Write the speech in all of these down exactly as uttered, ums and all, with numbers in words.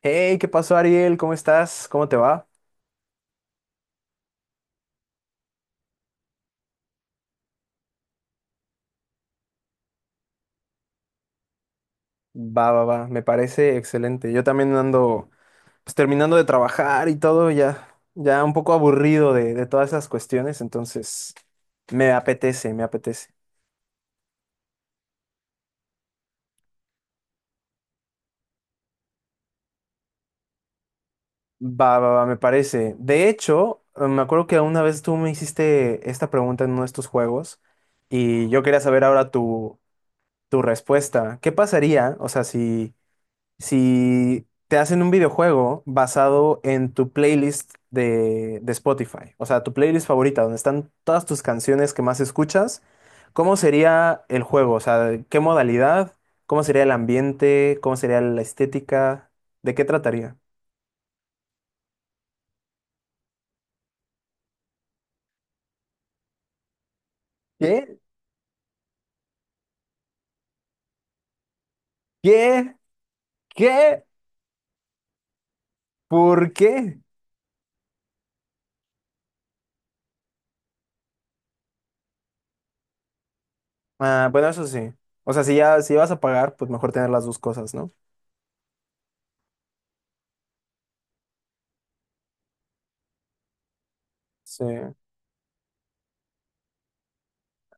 Hey, ¿qué pasó, Ariel? ¿Cómo estás? ¿Cómo te va? Va, va, va, me parece excelente. Yo también ando pues terminando de trabajar y todo, ya, ya un poco aburrido de, de todas esas cuestiones, entonces me apetece, me apetece. Va, va, va, me parece. De hecho, eh, me acuerdo que una vez tú me hiciste esta pregunta en uno de estos juegos y yo quería saber ahora tu, tu respuesta. ¿Qué pasaría, o sea, si si te hacen un videojuego basado en tu playlist de, de Spotify, o sea, tu playlist favorita, donde están todas tus canciones que más escuchas? ¿Cómo sería el juego? O sea, ¿qué modalidad? ¿Cómo sería el ambiente? ¿Cómo sería la estética? ¿De qué trataría? ¿Qué? ¿Qué? ¿Qué? ¿Por qué? Ah, bueno, eso sí. O sea, si ya, si vas a pagar, pues mejor tener las dos cosas, ¿no? Sí.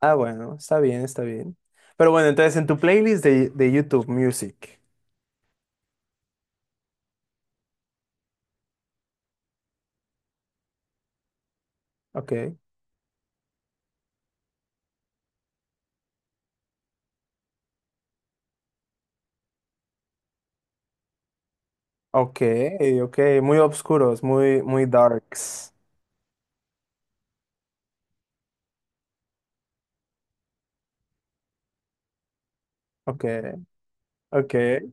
Ah, bueno, está bien, está bien. Pero bueno, entonces en tu playlist de, de YouTube Music. Ok. Ok, ok. Muy oscuros, muy, muy darks. Ok, ok,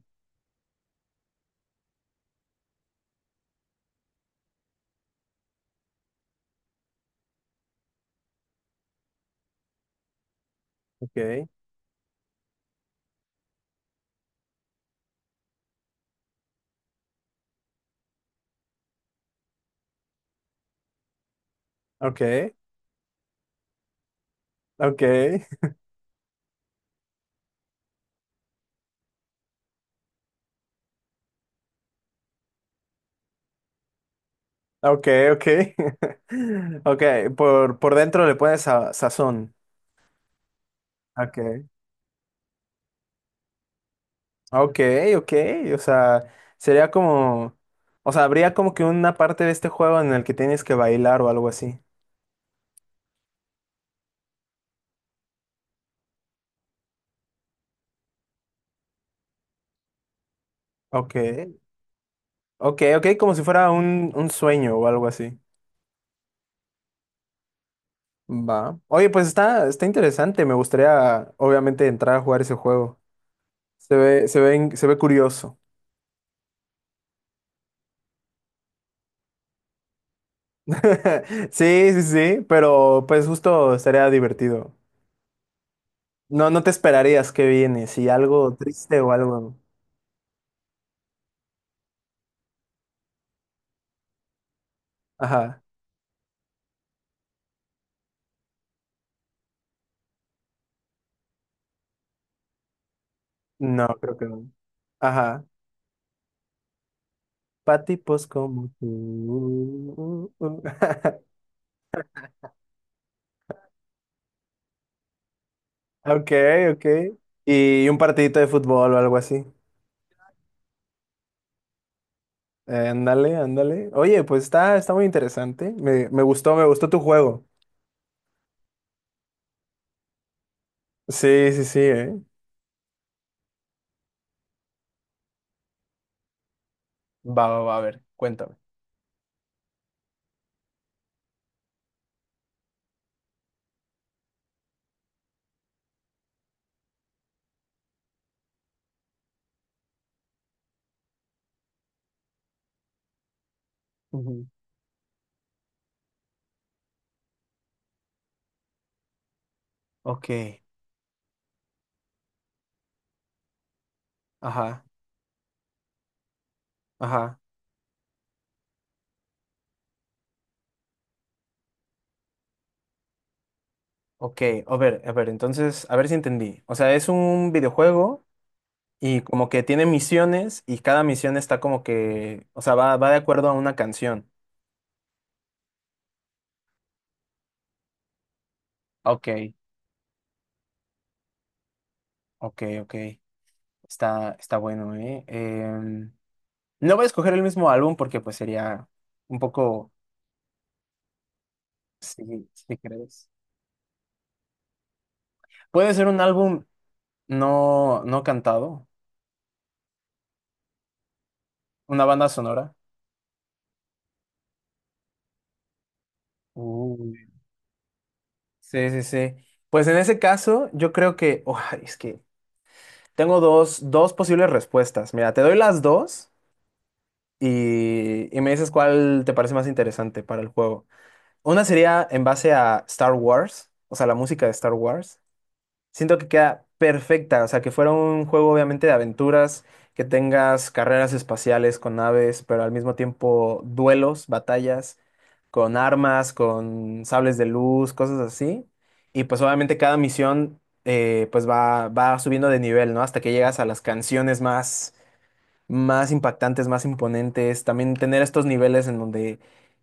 ok, ok, ok, ok, ok. Ok, por, por dentro le pones sa- sazón. Ok, ok, ok. O sea, sería como. O sea, habría como que una parte de este juego en el que tienes que bailar o algo así. Ok. Ok, ok, como si fuera un, un sueño o algo así. Va. Oye, pues está, está interesante. Me gustaría, obviamente, entrar a jugar ese juego. Se ve, se ve, in- se ve curioso. Sí, sí, sí, pero pues justo estaría divertido. No, no te esperarías que viene, si algo triste o algo. Ajá. No, creo que no. Ajá. Pa' tipos como tú. Ok, ok. Y un partidito de fútbol o algo así. Eh, ándale, ándale. Oye, pues está, está muy interesante. Me, me gustó, me gustó tu juego. Sí, sí, sí, eh. Va, va, va, a ver, cuéntame. Ujú. Ok, ajá, ajá, ok. A ver, a ver, entonces, a ver si entendí. O sea, es un videojuego y como que tiene misiones y cada misión está como que, o sea, va, va de acuerdo a una canción. Ok, ok, ok. Está, está bueno, ¿eh? Em, no voy a escoger el mismo álbum porque pues sería un poco, si, si crees. Puede ser un álbum no, no cantado, una banda sonora. Uy. Sí, sí, sí. Pues en ese caso, yo creo que, oh, es que tengo dos, dos posibles respuestas. Mira, te doy las dos y, y me dices cuál te parece más interesante para el juego. Una sería en base a Star Wars, o sea, la música de Star Wars. Siento que queda perfecta, o sea, que fuera un juego obviamente de aventuras, que tengas carreras espaciales con naves, pero al mismo tiempo duelos, batallas con armas, con sables de luz, cosas así. Y pues obviamente cada misión eh, pues va, va subiendo de nivel, ¿no? Hasta que llegas a las canciones más más impactantes, más imponentes, también tener estos niveles en donde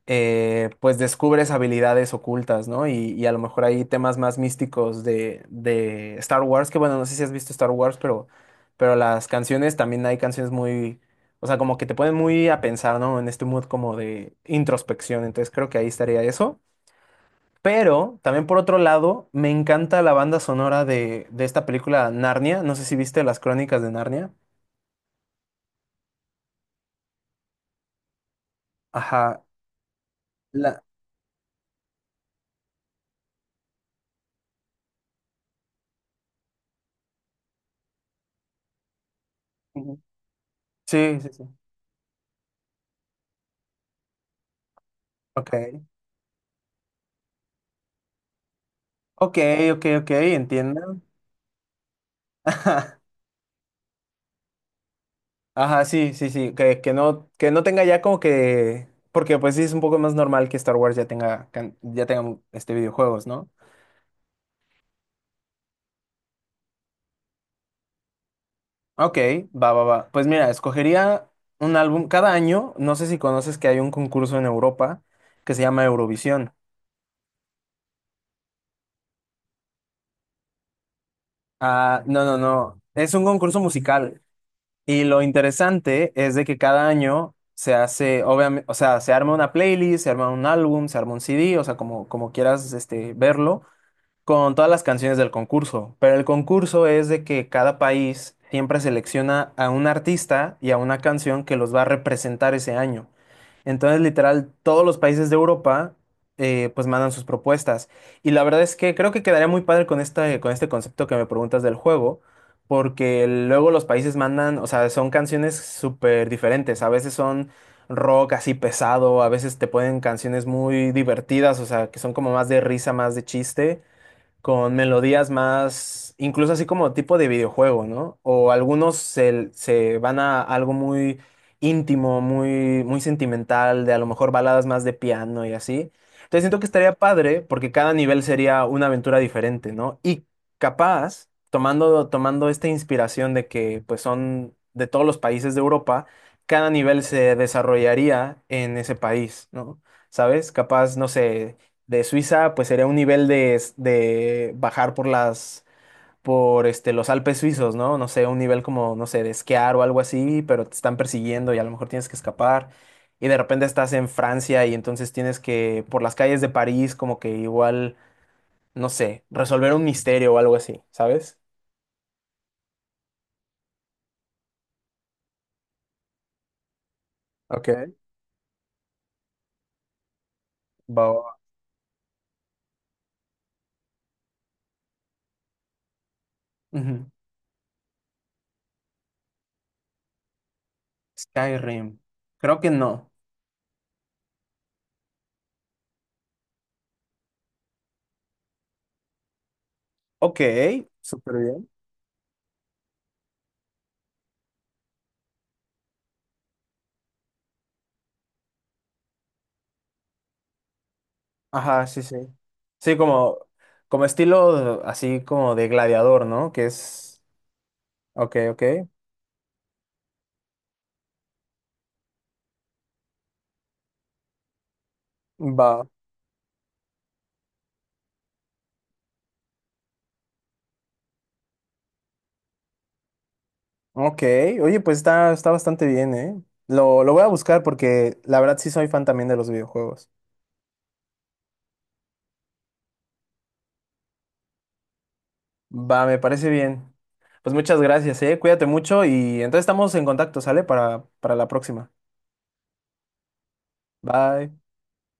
eh, pues descubres habilidades ocultas, ¿no? Y, y a lo mejor hay temas más místicos de, de Star Wars, que bueno, no sé si has visto Star Wars, pero, pero las canciones también hay canciones muy, o sea, como que te ponen muy a pensar, ¿no? En este mood como de introspección, entonces creo que ahí estaría eso. Pero también por otro lado, me encanta la banda sonora de, de esta película Narnia. No sé si viste las crónicas de Narnia. Ajá. La, sí, sí, sí. Ok. Ok, ok, ok, entiendo. Ajá, ajá, sí, sí, sí. Que, que no, que no tenga ya como que. Porque pues sí es un poco más normal que Star Wars ya tenga, can- ya tenga este videojuegos, ¿no? Ok, va, va, va. Pues mira, escogería un álbum. Cada año, no sé si conoces que hay un concurso en Europa que se llama Eurovisión. Ah, no, no, no. Es un concurso musical. Y lo interesante es de que cada año se hace, obviamente, o sea, se arma una playlist, se arma un álbum, se arma un C D, o sea, como, como quieras este, verlo, con todas las canciones del concurso, pero el concurso es de que cada país siempre selecciona a un artista y a una canción que los va a representar ese año. Entonces, literal, todos los países de Europa eh, pues mandan sus propuestas. Y la verdad es que creo que quedaría muy padre con este, con este concepto que me preguntas del juego, porque luego los países mandan, o sea, son canciones súper diferentes. A veces son rock así pesado, a veces te ponen canciones muy divertidas, o sea, que son como más de risa, más de chiste con melodías más, incluso así como tipo de videojuego, ¿no? O algunos se, se van a algo muy íntimo, muy, muy sentimental, de a lo mejor baladas más de piano y así. Entonces siento que estaría padre porque cada nivel sería una aventura diferente, ¿no? Y capaz, tomando, tomando esta inspiración de que pues son de todos los países de Europa, cada nivel se desarrollaría en ese país, ¿no? ¿Sabes? Capaz, no sé de Suiza, pues sería un nivel de, s- de bajar por las, por este, los Alpes suizos, ¿no? No sé, un nivel como, no sé, de esquiar o algo así, pero te están persiguiendo y a lo mejor tienes que escapar. Y de repente estás en Francia y entonces tienes que, por las calles de París, como que igual, no sé, resolver un misterio o algo así, ¿sabes? Ok, Bao- Ujú. Skyrim. Creo que no. Ok. Súper bien. Ajá, sí, sí. Sí, como, como estilo así como de gladiador, ¿no? Que es. Ok, ok. Va. Ok. Oye, pues está, está bastante bien, ¿eh? Lo, lo voy a buscar porque la verdad sí soy fan también de los videojuegos. Va, me parece bien. Pues muchas gracias, ¿eh? Cuídate mucho y entonces estamos en contacto, ¿sale? Para, para la próxima. Bye.